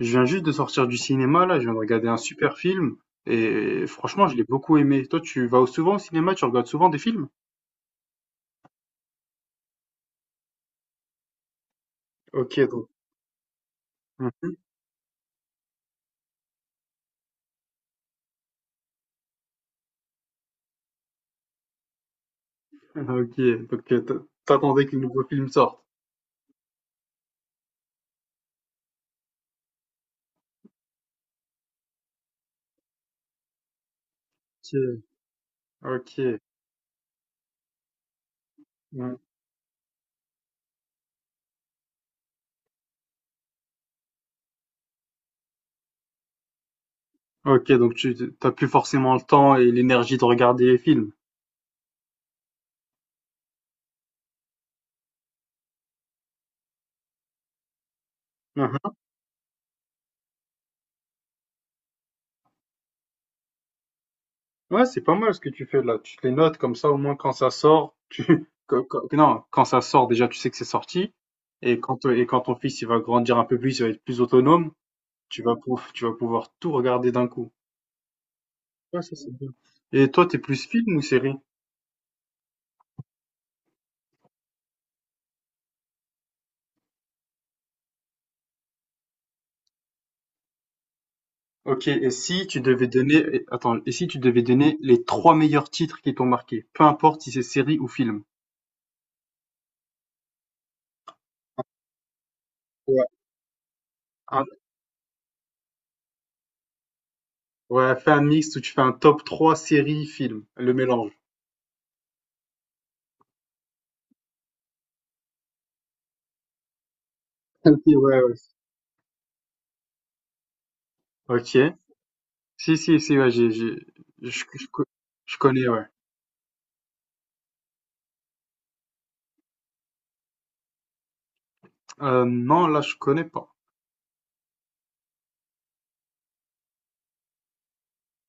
Je viens juste de sortir du cinéma là, je viens de regarder un super film et franchement, je l'ai beaucoup aimé. Toi, tu vas souvent au cinéma, tu regardes souvent des films? Ok, donc. Mhm. Ah, ok, donc t'attendais que le nouveau film sorte. Ok, ok. Mhm. Ok, donc tu t'as plus forcément le temps et l'énergie de regarder les films. Mhm. Ouais, c'est pas mal ce que tu fais là. Tu te les notes comme ça, au moins quand ça sort, tu non, quand ça sort déjà, tu sais que c'est sorti. Et quand ton fils il va grandir un peu plus, il va être plus autonome. Tu vas pouvoir tout regarder d'un coup. Ouais, ça c'est bien. Et toi, t'es plus film ou série? Ok, et si tu devais donner, et- attends, et si tu devais donner les trois meilleurs titres qui t'ont marqué, peu importe si c'est série ou film. Ouais. Un- ouais, fais un mix où tu fais un top 3 série, film, le mélange. Ok, ouais, ouais. Ok. Si, si, si, ouais, j'ai, je, co- je connais, ouais. Non, là, je connais pas.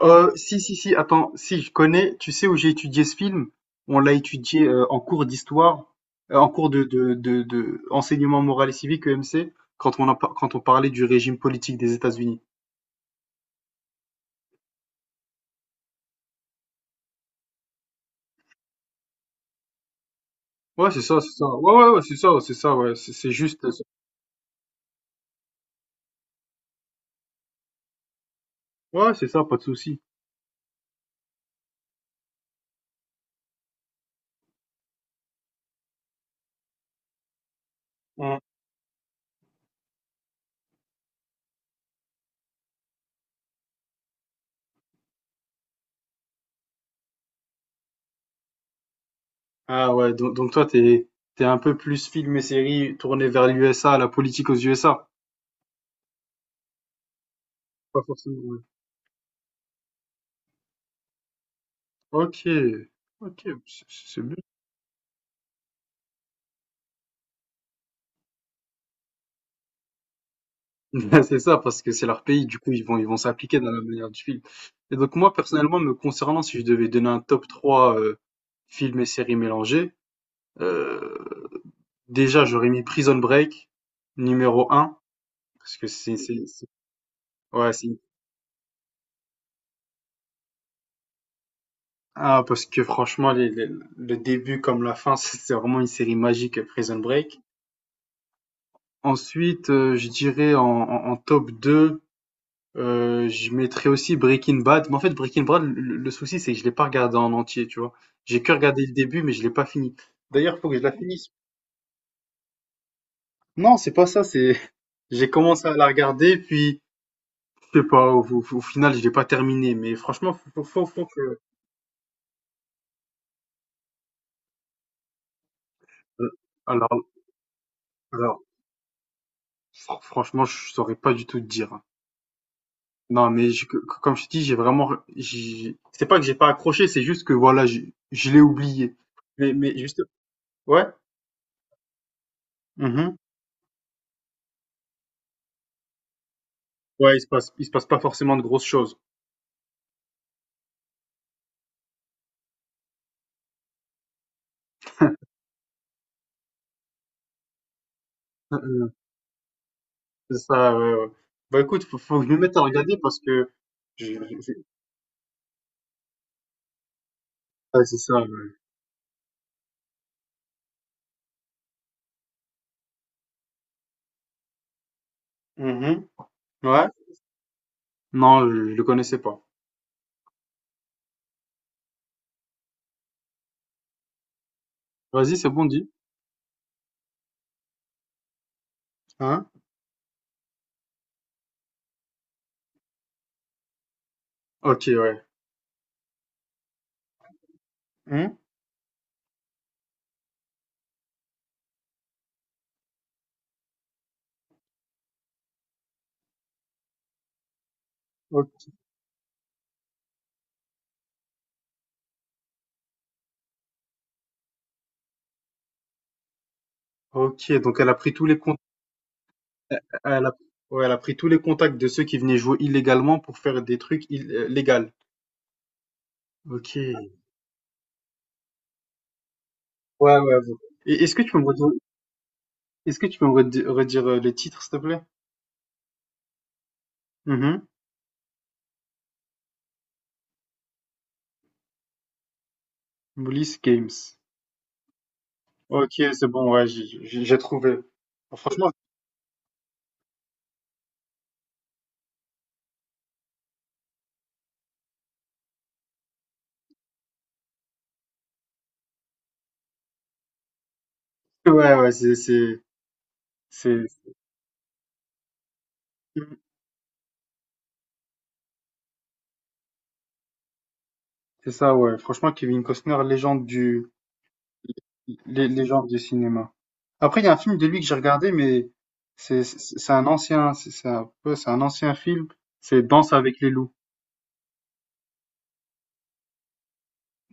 Si, si, si, attends, si, je connais. Tu sais où j'ai étudié ce film? On l'a étudié, en cours d'histoire, en cours de enseignement moral et civique, EMC, quand on a par quand on parlait du régime politique des États-Unis. Ouais, c'est ça, c'est ça. Ouais, ouais, ouais, c'est ça, ouais, c'est juste, ouais, c'est ça, pas de souci. Mmh. Ah ouais, donc toi, t'es un peu plus film et série tourné vers l'USA, la politique aux USA? Pas forcément, ouais. Ok, ok, c'est bien. C'est ça, parce que c'est leur pays, du coup, ils vont s'appliquer dans la manière du film. Et donc moi, personnellement, me concernant, si je devais donner un top 3 films et séries mélangés, euh, déjà, j'aurais mis Prison Break, numéro un parce que Ouais, Ah, parce que franchement, le début comme la fin, c'est vraiment une série magique, Prison Break. Ensuite, je dirais en top deux. Je mettrais aussi Breaking Bad, mais en fait Breaking Bad, le souci c'est que je l'ai pas regardé en entier, tu vois? J'ai que regardé le début, mais je l'ai pas fini. D'ailleurs, faut que je la finisse. Non, c'est pas ça, c'est j'ai commencé à la regarder, puis je sais pas, au final, je l'ai pas terminé, mais franchement, faut que... euh, Alors, alors, Franchement, je saurais pas du tout te dire. Hein. Non, mais comme je te dis, j'ai vraiment, c'est pas que j'ai pas accroché, c'est juste que voilà, je l'ai oublié. Mais juste, ouais. Mm-hmm. Ouais, il se passe pas forcément de grosses choses. C'est ça, ouais, ouais. Bah écoute, faut que je me mette à regarder parce que je- je- je- ouais, c'est ça. Ouais. Mhm. Ouais. Non, je le connaissais pas. Vas-y, c'est bon, dit. Hein? Ok, ouais. Hein. Ok, ok, donc elle a pris tous les comptes, elle a, ouais, elle a pris tous les contacts de ceux qui venaient jouer illégalement pour faire des trucs légaux. Ok. Ouais, ouais. Ouais. Et est-ce que tu peux me redire, est-ce que tu peux me redire, le titre, s'il te plaît? Mhm. Police Games. Ok, c'est bon, ouais, j'ai trouvé. Franchement, ouais, ouais, c'est, c'est ça, ouais. Franchement, Kevin Costner, légende du cinéma. Après, il y a un film de lui que j'ai regardé, mais c'est un ancien, c'est un peu, c'est un ancien film. C'est Danse avec les loups.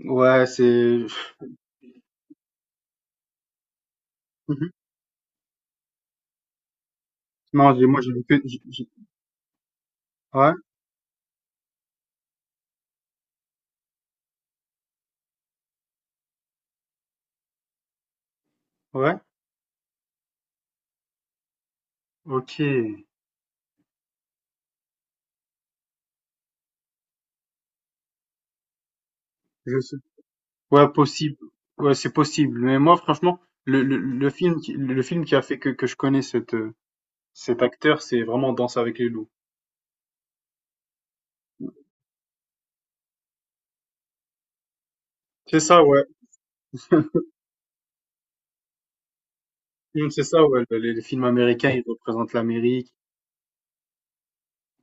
Ouais, c'est, Mhm. non, j'ai- Moi, j'ai vu que, j'ai- ouais, ouais, ok. Je sais. Ouais, possible. Ouais, c'est possible. Mais moi, franchement, le film, le film qui a fait que je connais cette, cet acteur, c'est vraiment Danse avec les loups. C'est ça, ouais. Mmh, c'est ça, ouais. Les films américains, ils représentent l'Amérique.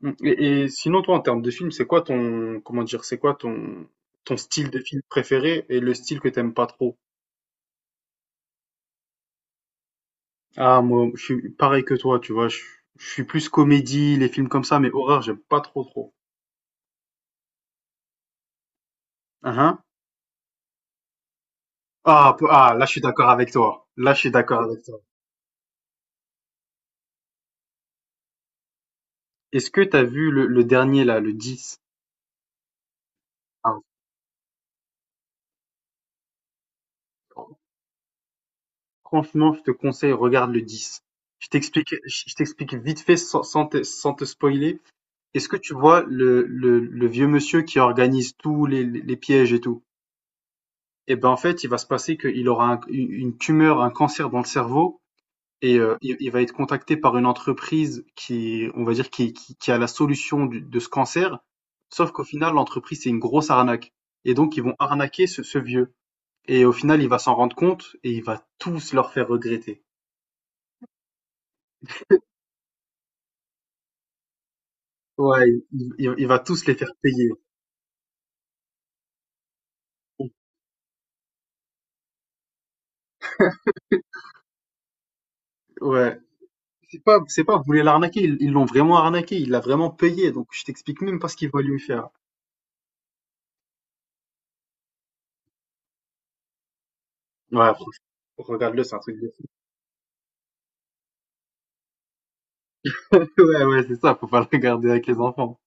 Mmh. Et sinon, toi, en termes de film, comment dire, c'est quoi ton, ton style de film préféré et le style que t'aimes pas trop? Ah, moi, je suis pareil que toi, tu vois. Je suis plus comédie, les films comme ça, mais horreur, j'aime pas trop, trop. Ah, hein. Ah, ah, là, je suis d'accord avec toi. Là, je suis d'accord avec toi. Est-ce que t'as vu le dernier, là, le dix? Ah, oh. Franchement, je te conseille, regarde le 10. Je t'explique vite fait sans te spoiler. Est-ce que tu vois le vieux monsieur qui organise tous les pièges et tout? Eh ben, en fait, il va se passer qu'il aura une tumeur, un cancer dans le cerveau et il va être contacté par une entreprise qui, on va dire, qui a la solution de ce cancer. Sauf qu'au final, l'entreprise, c'est une grosse arnaque. Et donc, ils vont arnaquer ce, ce vieux. Et au final, il va s'en rendre compte et il va tous leur faire regretter. Ouais, il va tous les faire payer. Ouais. C'est pas, Vous voulez l'arnaquer, ils l'ont vraiment arnaqué, il l'a vraiment payé, donc je t'explique même pas ce qu'il va lui faire. Ouais, franchement, regarde-le, c'est un truc de fou. Ouais, ouais, c'est ça, faut pas le regarder avec les enfants.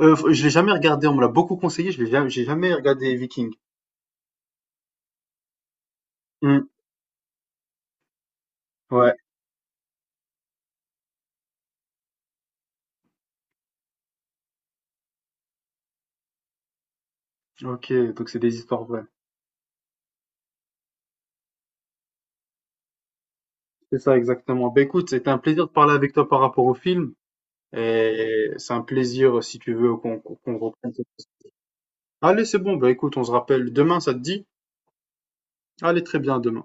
Je l'ai jamais regardé, on me l'a beaucoup conseillé, je l'ai jamais, j'ai jamais regardé Viking. Hmm, ouais, ok, donc c'est des histoires vraies. C'est ça, exactement. Ben écoute, c'était un plaisir de parler avec toi par rapport au film, et c'est un plaisir, si tu veux, qu'on reprenne. Cette- Allez, c'est bon, ben écoute, on se rappelle demain, ça te dit? Allez, très bien, à demain.